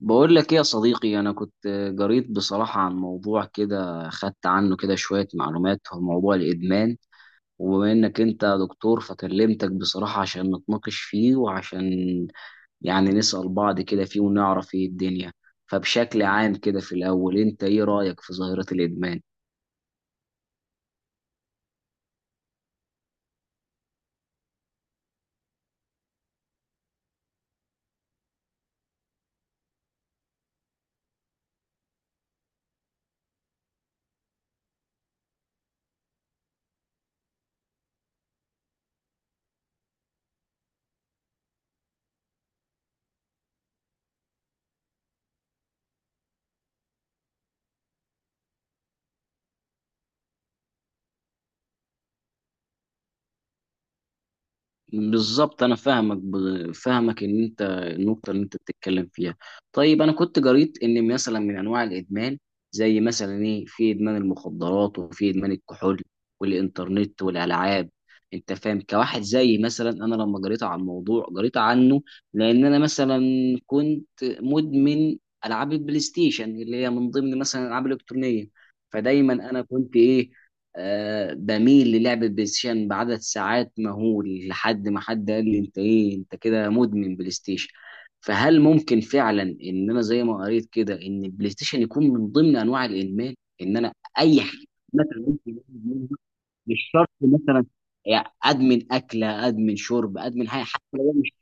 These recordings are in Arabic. بقول لك ايه يا صديقي؟ انا كنت قريت بصراحة عن موضوع كده، خدت عنه كده شوية معلومات، هو موضوع الادمان. وبما انك انت دكتور فكلمتك بصراحة عشان نتناقش فيه، وعشان يعني نسأل بعض كده فيه ونعرف ايه الدنيا. فبشكل عام كده في الاول، انت ايه رأيك في ظاهرة الادمان؟ بالظبط، انا فاهمك، فاهمك ان انت النقطه اللي انت بتتكلم فيها. طيب انا كنت قريت ان مثلا من انواع الادمان زي مثلا ايه، في ادمان المخدرات، وفي ادمان الكحول والانترنت والالعاب. انت فاهم؟ كواحد زي مثلا انا، لما قريت عن الموضوع قريت عنه لان انا مثلا كنت مدمن العاب البلاي ستيشن، اللي هي من ضمن مثلا الالعاب الالكترونيه. فدايما انا كنت ايه، بميل للعب البلاي ستيشن بعدد ساعات مهول، لحد ما حد قال لي: انت ايه؟ انت كده مدمن بلاي ستيشن. فهل ممكن فعلا ان انا زي ما قريت كده ان البلاي ستيشن يكون من ضمن انواع الادمان؟ ان انا اي حاجه مثلا ممكن أدمن منها؟ مش شرط مثلا يعني ادمن اكله، ادمن شرب، ادمن حاجه، حتى لو مش...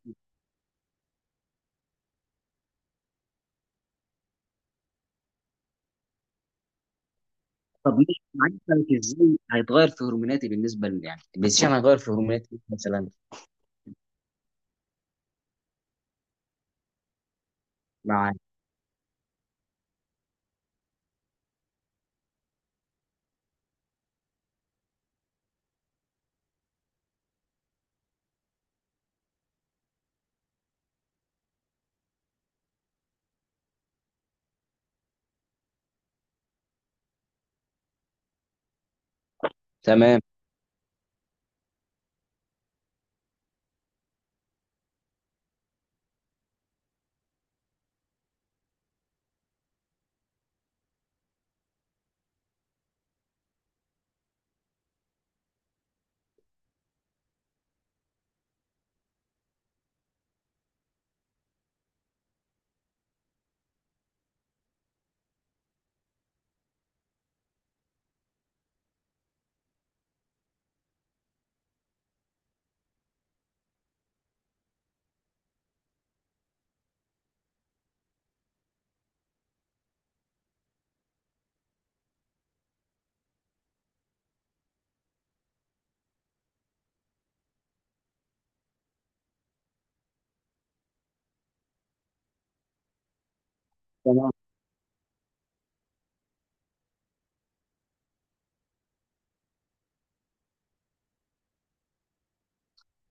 طب مش معرفة ازاي هيتغير في هرموناتي بالنسبه يعني البلاي ستيشن هيغير في هرموناتي مثلا؟ مع... تمام.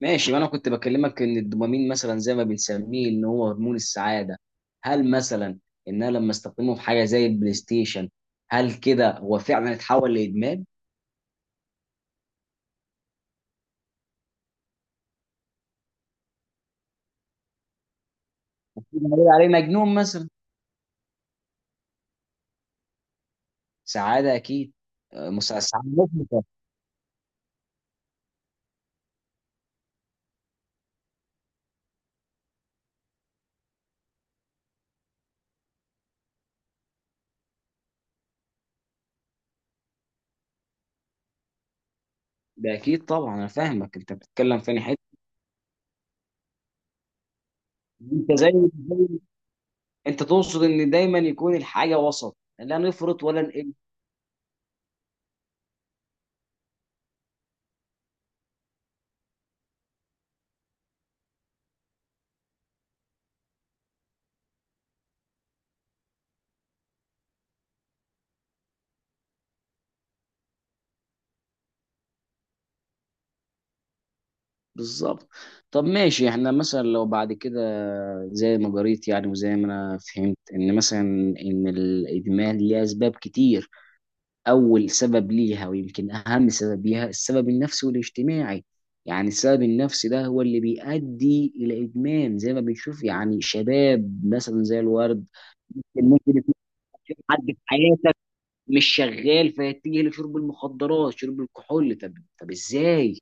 ماشي، ما انا كنت بكلمك ان الدوبامين مثلا زي ما بنسميه ان هو هرمون السعاده. هل مثلا ان انا لما استخدمه في حاجه زي البلاي ستيشن، هل كده هو فعلا اتحول لادمان؟ بنقول عليه مجنون مثلا. سعاده اكيد. سعاده مطلقه. ده اكيد طبعا، انا فاهمك انت بتتكلم في أنهي حته. انت زي زي- انت تقصد ان دايما يكون الحاجه وسط، لا نفرط ولا نقل. بالظبط. طب ماشي، احنا مثلا لو بعد كده زي ما قريت يعني، وزي ما انا فهمت ان مثلا ان الادمان ليه اسباب كتير. اول سبب ليها ويمكن اهم سبب ليها السبب النفسي والاجتماعي. يعني السبب النفسي ده هو اللي بيؤدي الى ادمان، زي ما بنشوف يعني شباب مثلا زي الورد ممكن يكون حد في حياتك مش شغال، فيتجه لشرب المخدرات، شرب الكحول. طب، طب ازاي؟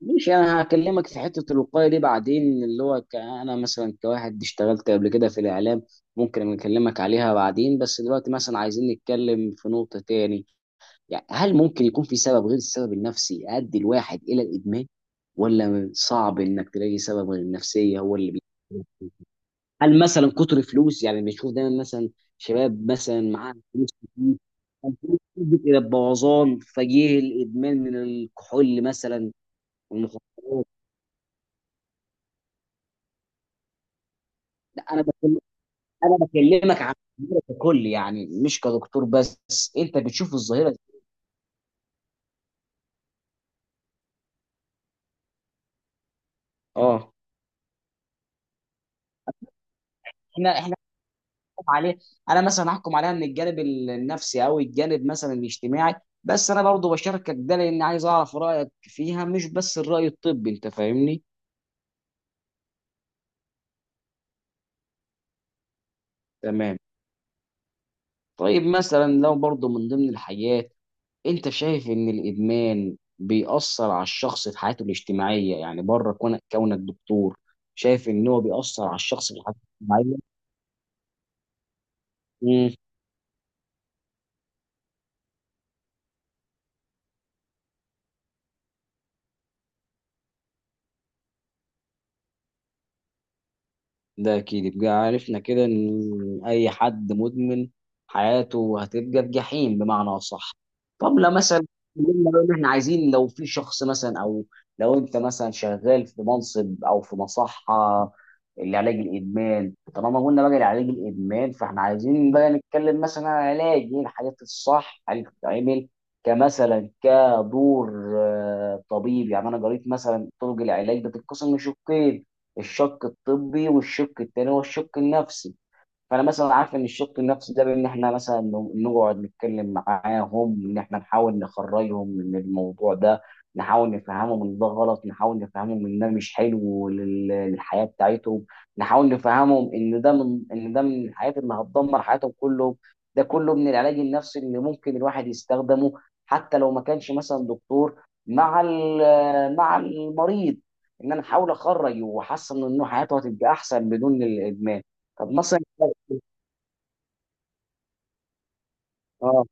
مش انا هكلمك في حته الوقايه دي بعدين، اللي هو انا مثلا كواحد اشتغلت قبل كده في الاعلام، ممكن اكلمك عليها بعدين، بس دلوقتي مثلا عايزين نتكلم في نقطه تاني. يعني هل ممكن يكون في سبب غير السبب النفسي يؤدي الواحد الى الادمان، ولا صعب انك تلاقي سبب غير النفسيه هو اللي بي...؟ هل مثلا كتر فلوس؟ يعني بنشوف دايما مثلا شباب مثلا معاه فلوس كتير، فالفلوس تؤدي الى البوظان فجيه الادمان من الكحول مثلا والمخدرات. لا، انا بتكلم، انا بكلمك عن الظاهره ككل يعني، مش كدكتور بس انت بتشوف الظاهره دي. اه. احنا هنحكم عليه. انا مثلا هحكم عليها من الجانب النفسي، او الجانب مثلا الاجتماعي، بس انا برضو بشاركك ده لان عايز اعرف رايك فيها، مش بس الراي الطبي، انت فاهمني. تمام. طيب مثلا لو برضو من ضمن الحاجات، انت شايف ان الادمان بيأثر على الشخص في حياته الاجتماعيه؟ يعني بره كونك، كونك دكتور، شايف ان هو بيأثر على الشخص في حياته الاجتماعيه؟ ده اكيد. يبقى عرفنا كده ان اي حد مدمن حياته هتبقى في جحيم بمعنى اصح. طب لو مثلا قلنا بقى ان احنا عايزين، لو في شخص مثلا، او لو انت مثلا شغال في منصب او في مصحه لعلاج الادمان، طالما قلنا بقى لعلاج الادمان، فاحنا عايزين بقى نتكلم مثلا عن علاج ايه الحاجات الصح اللي بتتعمل كمثلا كدور طبيب. يعني انا قريت مثلا طرق العلاج بتتقسم لشقين: الشق الطبي، والشق التاني هو الشق النفسي. فانا مثلا عارف ان الشق النفسي ده بان احنا مثلا نقعد نتكلم معاهم ان احنا نحاول نخرجهم من الموضوع ده، نحاول نفهمهم ان ده غلط، نحاول نفهمهم ان ده مش حلو للحياه بتاعتهم، نحاول نفهمهم ان ده من، ان ده من الحاجات اللي هتدمر حياتهم كلهم. ده كله من العلاج النفسي اللي ممكن الواحد يستخدمه حتى لو ما كانش مثلا دكتور مع مع المريض، ان انا احاول اخرج واحسن انه حياته هتبقى احسن بدون الادمان. طب مثلا... اه.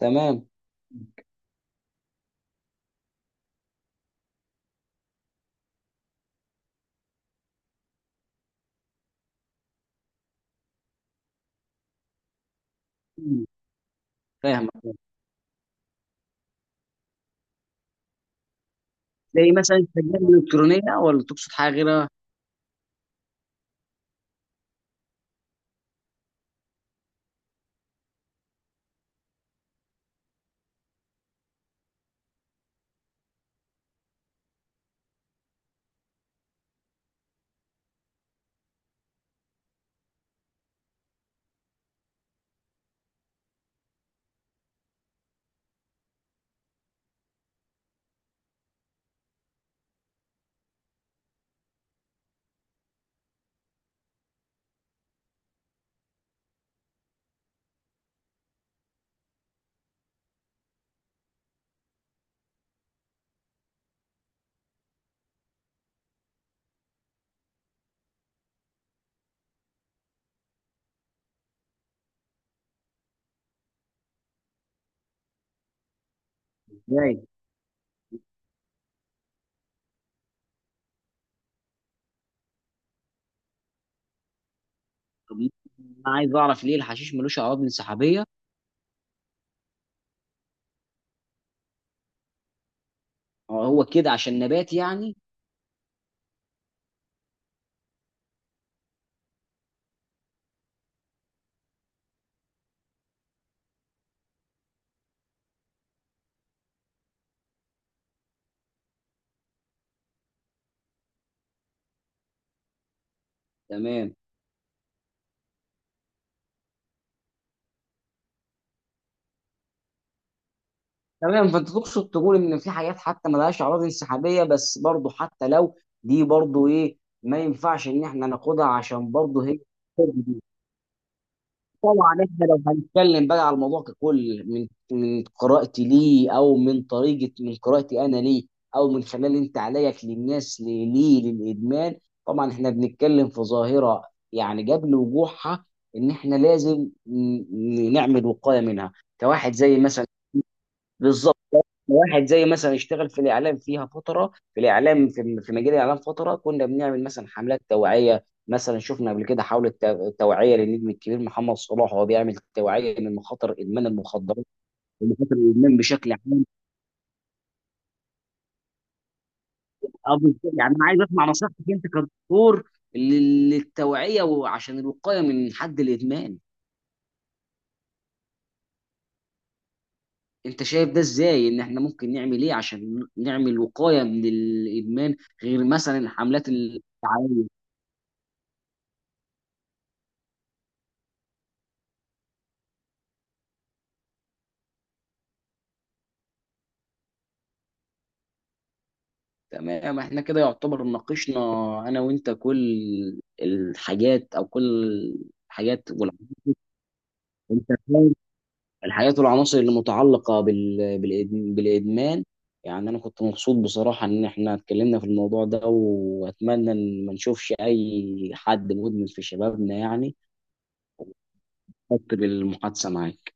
تمام. مم. فاهم. زي مثلا السجاير الالكترونيه، ولا تقصد حاجه غيرها؟ ازاي؟ طب انا عايز اعرف ليه الحشيش ملوش عوامل انسحابيه؟ هو هو كده عشان نبات يعني؟ تمام. تمام، فانت تقصد تقول ان في حاجات حتى ملهاش عوامل انسحابيه، بس برضه حتى لو دي، برضه ايه، ما ينفعش ان احنا ناخدها عشان برضه هي... طبعا. احنا لو هنتكلم بقى على الموضوع ككل، من من قراءتي ليه، او من طريقه، من قراءتي انا ليه، او من خلال انت عليك للناس ليه، ليه للادمان، طبعا احنا بنتكلم في ظاهره يعني قبل وقوعها ان احنا لازم نعمل وقايه منها. كواحد زي مثلا... بالظبط. واحد زي مثلا اشتغل في الاعلام فيها فتره، في الاعلام، في في مجال الاعلام فتره، كنا بنعمل مثلا حملات توعيه. مثلا شفنا قبل كده حاولة توعيه للنجم الكبير محمد صلاح، وهو بيعمل توعيه من خطر ادمان المخدرات ومخاطر الادمان بشكل عام. بالظبط. يعني انا عايز اسمع نصيحتك انت كدكتور للتوعيه وعشان الوقايه من حد الادمان. انت شايف ده ازاي، ان احنا ممكن نعمل ايه عشان نعمل وقايه من الادمان غير مثلا الحملات التوعيه؟ تمام، احنا كده يعتبر ناقشنا انا وانت كل الحاجات، او كل الحاجات انت فاهم، الحاجات والعناصر اللي متعلقة بالادمان. يعني انا كنت مبسوط بصراحة ان احنا اتكلمنا في الموضوع ده، واتمنى ان ما نشوفش اي حد مدمن في شبابنا يعني. مبسوط بالمحادثة معاك.